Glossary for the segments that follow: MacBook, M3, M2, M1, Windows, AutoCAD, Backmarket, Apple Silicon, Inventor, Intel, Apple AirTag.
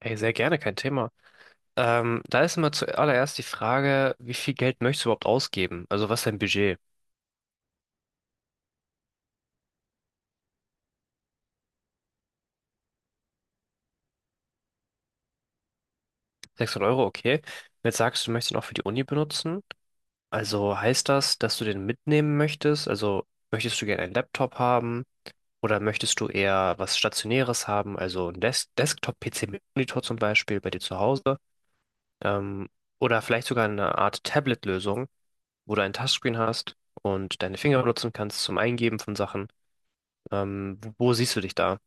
Ey, sehr gerne, kein Thema. Da ist immer zuallererst die Frage, wie viel Geld möchtest du überhaupt ausgeben? Also was ist dein Budget? 600 Euro, okay. Wenn du Jetzt sagst du, möchtest ihn auch für die Uni benutzen. Also heißt das, dass du den mitnehmen möchtest? Also möchtest du gerne einen Laptop haben? Oder möchtest du eher was Stationäres haben? Also ein Desktop-PC mit Monitor zum Beispiel bei dir zu Hause? Ähm, oder vielleicht sogar eine Art Tablet-Lösung, wo du ein Touchscreen hast und deine Finger benutzen kannst zum Eingeben von Sachen. Wo siehst du dich da?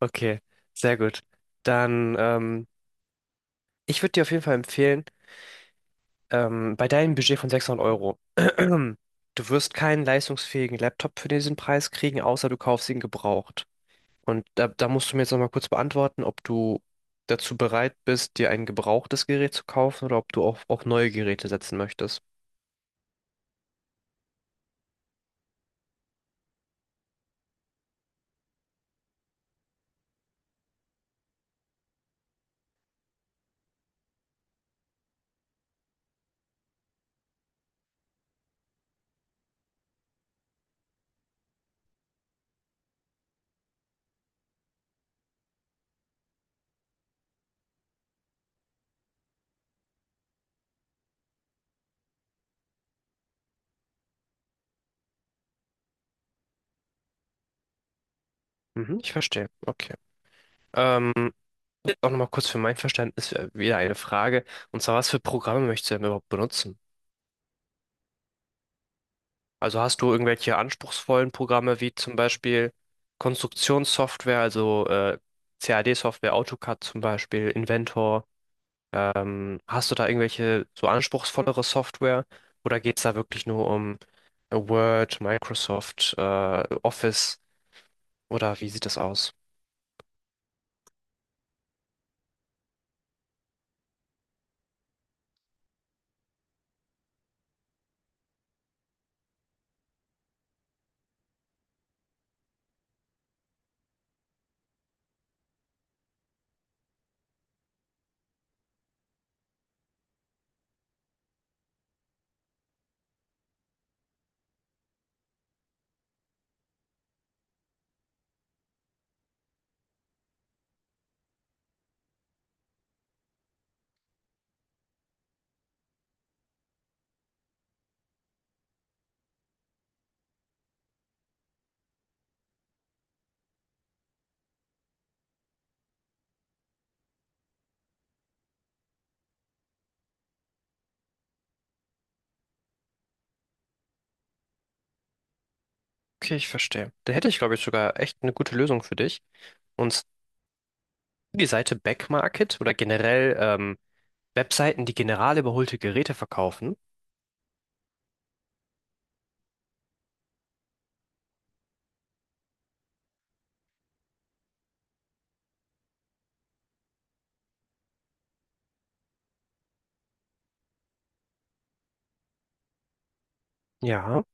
Okay, sehr gut. Dann, ich würde dir auf jeden Fall empfehlen, bei deinem Budget von 600 Euro, du wirst keinen leistungsfähigen Laptop für diesen Preis kriegen, außer du kaufst ihn gebraucht. Und da musst du mir jetzt nochmal kurz beantworten, ob du dazu bereit bist, dir ein gebrauchtes Gerät zu kaufen oder ob du auf neue Geräte setzen möchtest. Mhm, ich verstehe. Okay. Ähm, Auch nochmal kurz für mein Verständnis wieder eine Frage. Und zwar, was für Programme möchtest du denn überhaupt benutzen? Also hast du irgendwelche anspruchsvollen Programme wie zum Beispiel Konstruktionssoftware, also CAD-Software, AutoCAD zum Beispiel, Inventor? Hast du da irgendwelche so anspruchsvollere Software oder geht es da wirklich nur um Word, Microsoft, Office, oder wie sieht das aus? Okay, ich verstehe. Da hätte ich, glaube ich, sogar echt eine gute Lösung für dich. Und die Seite Backmarket oder generell Webseiten, die generell überholte Geräte verkaufen. Ja,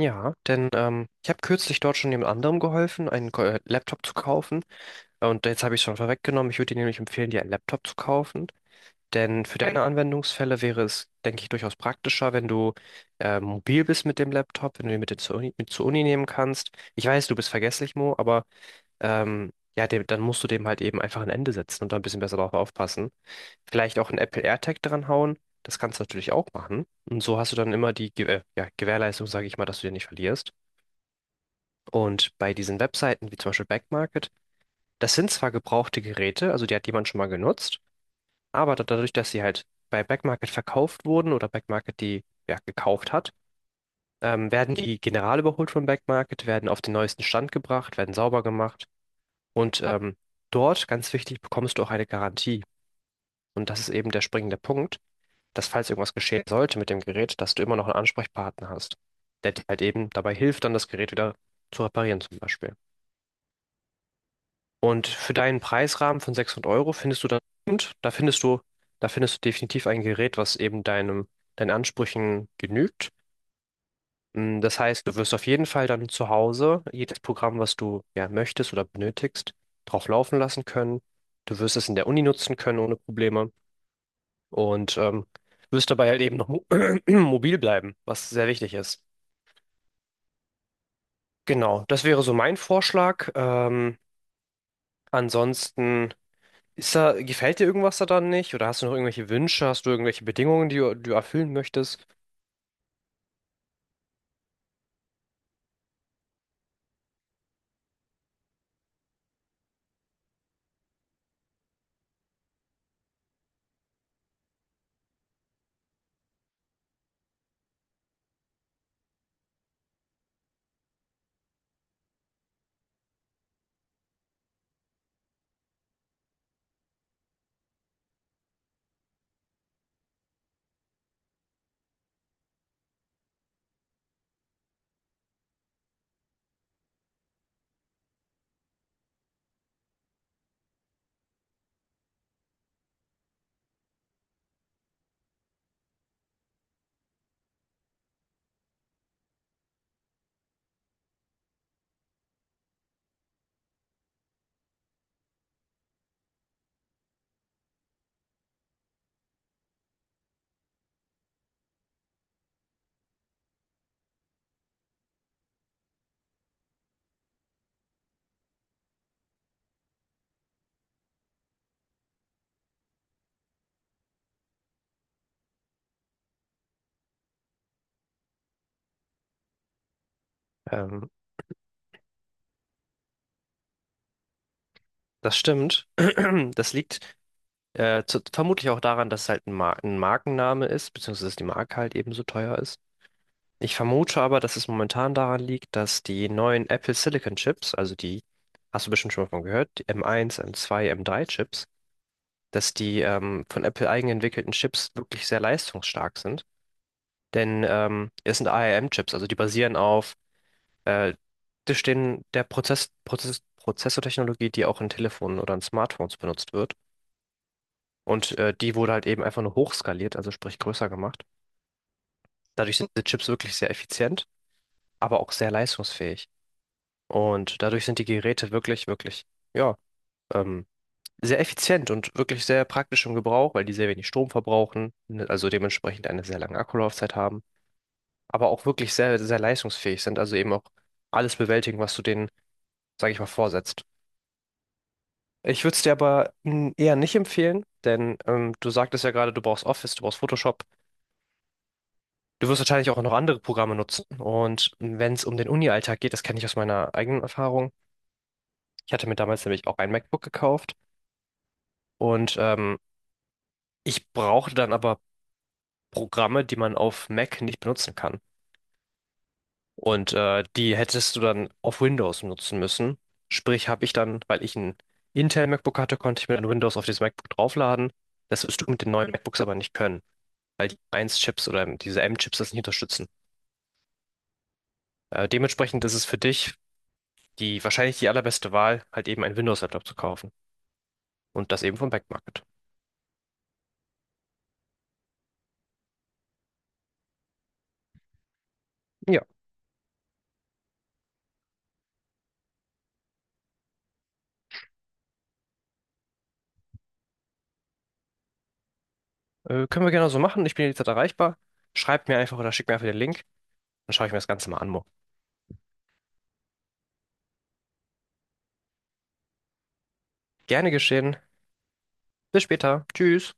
ja, denn ich habe kürzlich dort schon jemand anderem geholfen, einen Laptop zu kaufen. Und jetzt habe ich es schon vorweggenommen. Ich würde dir nämlich empfehlen, dir einen Laptop zu kaufen. Denn für deine Anwendungsfälle wäre es, denke ich, durchaus praktischer, wenn du mobil bist mit dem Laptop, wenn du ihn mit dir mit zur Uni nehmen kannst. Ich weiß, du bist vergesslich, Mo, aber ja, dem, dann musst du dem halt eben einfach ein Ende setzen und da ein bisschen besser drauf aufpassen. Vielleicht auch einen Apple AirTag dran hauen. Das kannst du natürlich auch machen. Und so hast du dann immer die ja, Gewährleistung, sage ich mal, dass du den nicht verlierst. Und bei diesen Webseiten wie zum Beispiel Backmarket, das sind zwar gebrauchte Geräte, also die hat jemand schon mal genutzt, aber dadurch, dass sie halt bei Backmarket verkauft wurden oder Backmarket die ja gekauft hat, werden die general überholt von Backmarket, werden auf den neuesten Stand gebracht, werden sauber gemacht, und dort, ganz wichtig, bekommst du auch eine Garantie. Und das ist eben der springende Punkt, dass falls irgendwas geschehen sollte mit dem Gerät, dass du immer noch einen Ansprechpartner hast, der dir halt eben dabei hilft, dann das Gerät wieder zu reparieren zum Beispiel. Und für deinen Preisrahmen von 600 Euro findest du dann und da findest du definitiv ein Gerät, was eben deinen Ansprüchen genügt. Das heißt, du wirst auf jeden Fall dann zu Hause jedes Programm, was du ja möchtest oder benötigst, drauf laufen lassen können. Du wirst es in der Uni nutzen können ohne Probleme, und wirst dabei halt eben noch mo mobil bleiben, was sehr wichtig ist. Genau, das wäre so mein Vorschlag. Ansonsten, ist da, gefällt dir irgendwas daran nicht? Oder hast du noch irgendwelche Wünsche? Hast du irgendwelche Bedingungen, die du erfüllen möchtest? Ähm, Das stimmt. Das liegt vermutlich auch daran, dass es halt ein Markenname ist, beziehungsweise dass die Marke halt eben so teuer ist. Ich vermute aber, dass es momentan daran liegt, dass die neuen Apple Silicon Chips, also die, hast du bestimmt schon mal von gehört, die M1, M2, M3 Chips, dass die von Apple eigen entwickelten Chips wirklich sehr leistungsstark sind. Denn es sind ARM-Chips, also die basieren auf Äh, das stehen der Prozessortechnologie, die auch in Telefonen oder in Smartphones benutzt wird. Und die wurde halt eben einfach nur hochskaliert, also sprich größer gemacht. Dadurch sind die Chips wirklich sehr effizient, aber auch sehr leistungsfähig. Und dadurch sind die Geräte wirklich, ja, ähm, sehr effizient und wirklich sehr praktisch im Gebrauch, weil die sehr wenig Strom verbrauchen, ne, also dementsprechend eine sehr lange Akkulaufzeit haben, aber auch wirklich sehr, sehr leistungsfähig sind, also eben auch alles bewältigen, was du denen, sag ich mal, vorsetzt. Ich würde es dir aber eher nicht empfehlen, denn du sagtest ja gerade, du brauchst Office, du brauchst Photoshop. Du wirst wahrscheinlich auch noch andere Programme nutzen. Und wenn es um den Uni-Alltag geht, das kenne ich aus meiner eigenen Erfahrung. Ich hatte mir damals nämlich auch ein MacBook gekauft, und ich brauchte dann aber Programme, die man auf Mac nicht benutzen kann. Und die hättest du dann auf Windows nutzen müssen. Sprich, habe ich dann, weil ich ein Intel MacBook hatte, konnte ich mir dann Windows auf dieses MacBook draufladen. Das wirst du mit den neuen MacBooks aber nicht können, weil die 1-Chips oder diese M-Chips das nicht unterstützen. Dementsprechend ist es für dich die wahrscheinlich die allerbeste Wahl, halt eben einen Windows-Laptop zu kaufen. Und das eben vom Back Market. Ja, können wir gerne so machen. Ich bin jederzeit erreichbar. Schreibt mir einfach oder schickt mir einfach den Link. Dann schaue ich mir das Ganze mal an, Mo. Gerne geschehen. Bis später. Tschüss.